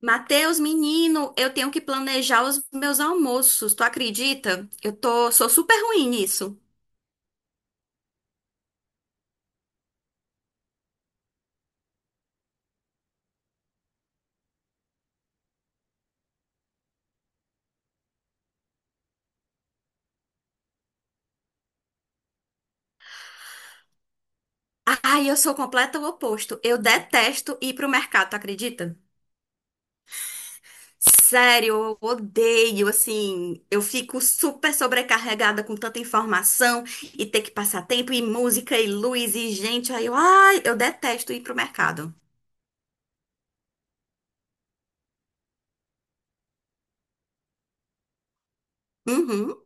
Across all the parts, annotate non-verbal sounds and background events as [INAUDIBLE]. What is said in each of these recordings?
Mateus, menino, eu tenho que planejar os meus almoços, tu acredita? Sou super ruim nisso. Ai, eu sou o completo oposto. Eu detesto ir pro mercado, tu acredita? Sério, eu odeio, assim, eu fico super sobrecarregada com tanta informação e ter que passar tempo e música e luz e gente. Ai, eu detesto ir pro mercado. Uhum,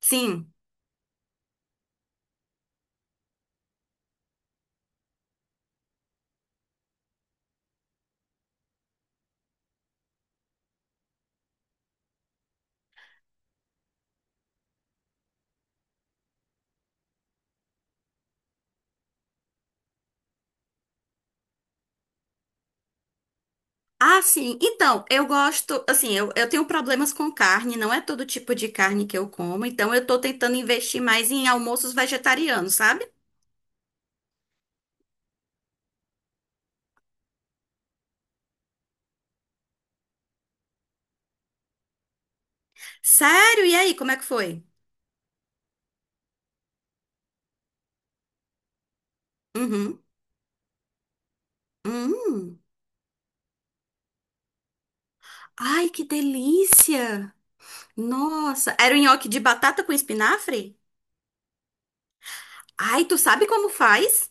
sim. Ah, sim. Então, eu gosto, assim, eu tenho problemas com carne, não é todo tipo de carne que eu como, então eu tô tentando investir mais em almoços vegetarianos, sabe? Sério? E aí, como é que foi? Uhum. Hum. Ai, que delícia! Nossa, era um nhoque de batata com espinafre? Ai, tu sabe como faz?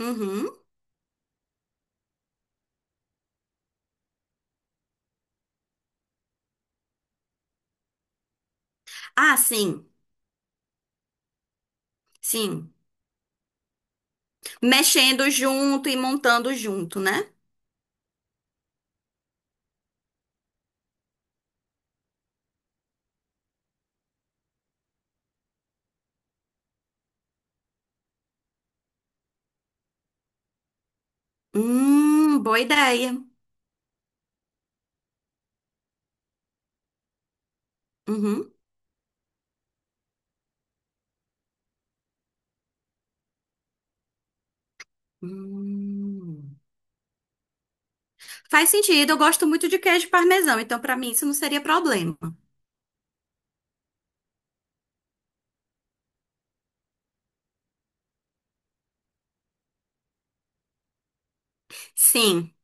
Uhum. Ah, sim. Sim. Mexendo junto e montando junto, né? Boa ideia. Uhum. Hum. Faz sentido, eu gosto muito de queijo parmesão, então pra mim isso não seria problema. Sim,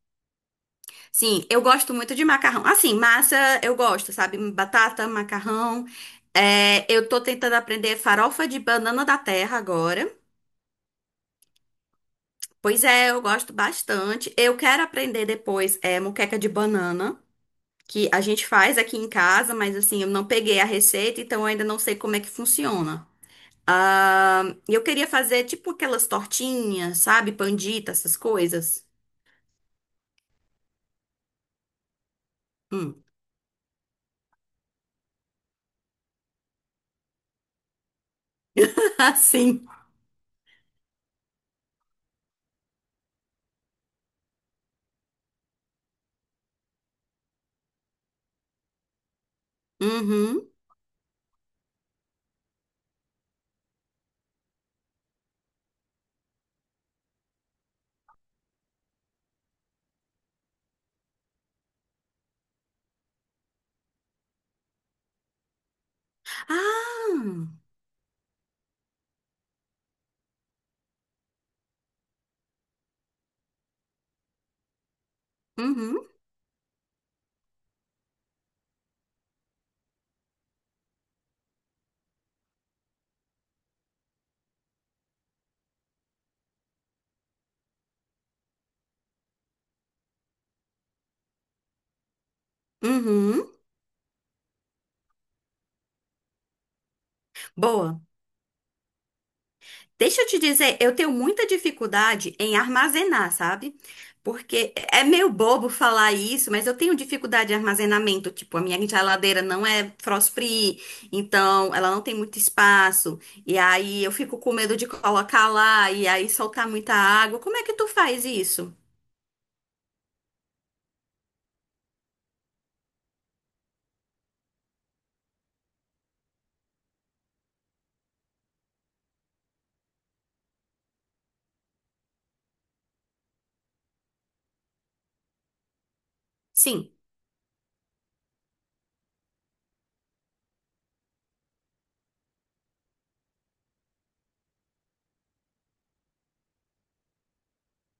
sim, eu gosto muito de macarrão. Assim, massa eu gosto, sabe? Batata, macarrão. É, eu tô tentando aprender farofa de banana da terra agora. Pois é, eu gosto bastante. Eu quero aprender depois é, moqueca de banana, que a gente faz aqui em casa, mas assim, eu não peguei a receita, então eu ainda não sei como é que funciona. Ah, eu queria fazer tipo aquelas tortinhas, sabe? Pandita, essas coisas. Hum. [LAUGHS] Ah, sim. Uhum. Ah, uhum, uhum. Boa. Deixa eu te dizer, eu tenho muita dificuldade em armazenar, sabe? Porque é meio bobo falar isso, mas eu tenho dificuldade de armazenamento. Tipo, a minha geladeira não é frost free, então ela não tem muito espaço. E aí eu fico com medo de colocar lá e aí soltar muita água. Como é que tu faz isso? Sim.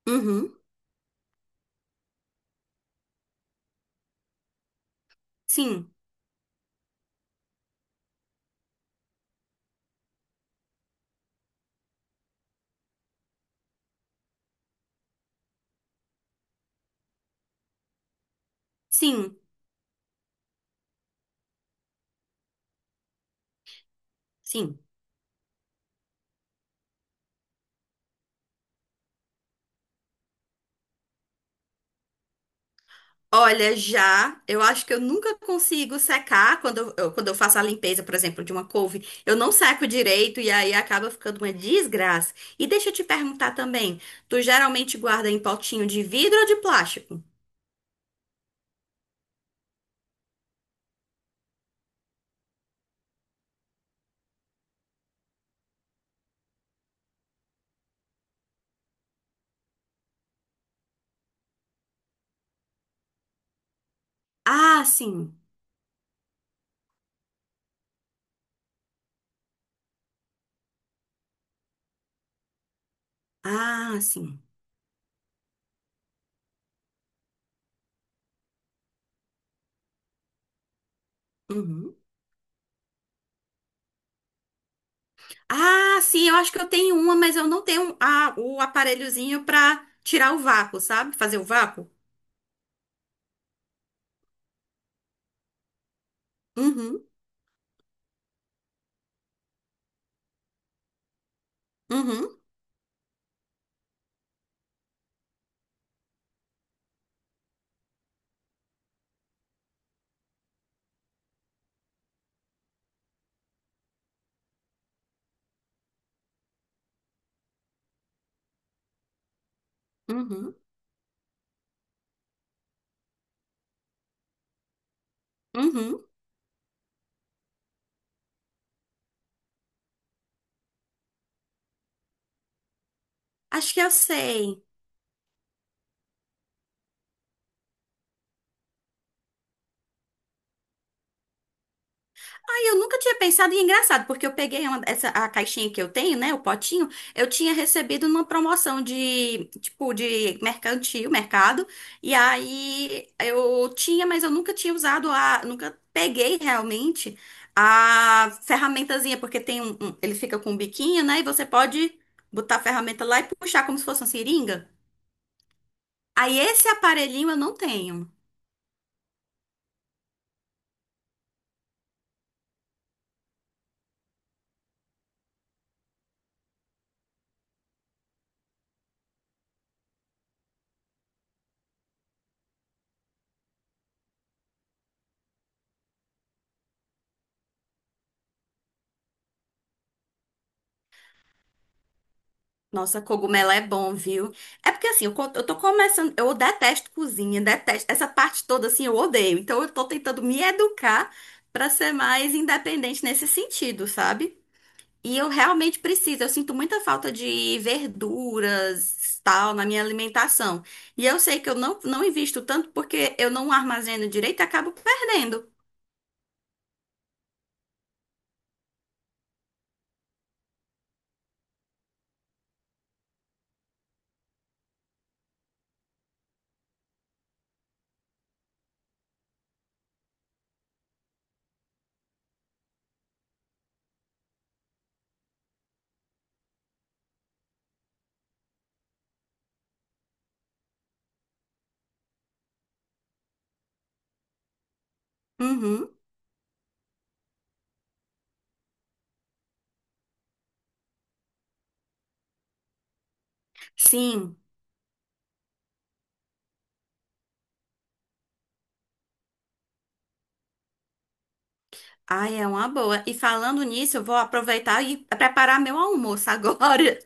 Uhum. Sim. Sim. Sim. Olha, já, eu acho que eu nunca consigo secar quando eu faço a limpeza, por exemplo, de uma couve. Eu não seco direito e aí acaba ficando uma desgraça. E deixa eu te perguntar também, tu geralmente guarda em potinho de vidro ou de plástico? Ah, sim. Ah, sim. Uhum. Ah, sim, eu acho que eu tenho uma, mas eu não tenho a, o aparelhozinho pra tirar o vácuo, sabe? Fazer o vácuo. Uhum, uhum, uhum, uhum. Acho que eu sei. Ai, eu nunca tinha pensado, e é engraçado, porque essa, a caixinha que eu tenho, né, o potinho, eu tinha recebido numa promoção de, tipo, de mercantil, mercado, e aí eu tinha, mas eu nunca tinha usado a, nunca peguei realmente a ferramentazinha, porque ele fica com um biquinho, né, e você pode botar a ferramenta lá e puxar como se fosse uma seringa. Aí esse aparelhinho eu não tenho. Nossa, cogumelo é bom, viu? É porque assim, eu tô começando. Eu detesto cozinha, detesto. Essa parte toda, assim, eu odeio. Então, eu tô tentando me educar pra ser mais independente nesse sentido, sabe? E eu realmente preciso. Eu sinto muita falta de verduras, tal, na minha alimentação. E eu sei que eu não, não invisto tanto porque eu não armazeno direito e acabo perdendo. Uhum. Sim. Ai, é uma boa. E falando nisso, eu vou aproveitar e preparar meu almoço [LAUGHS] agora.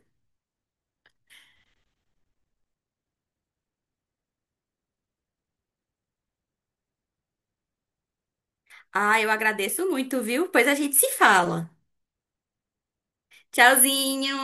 Ah, eu agradeço muito, viu? Pois a gente se fala. Tchauzinho!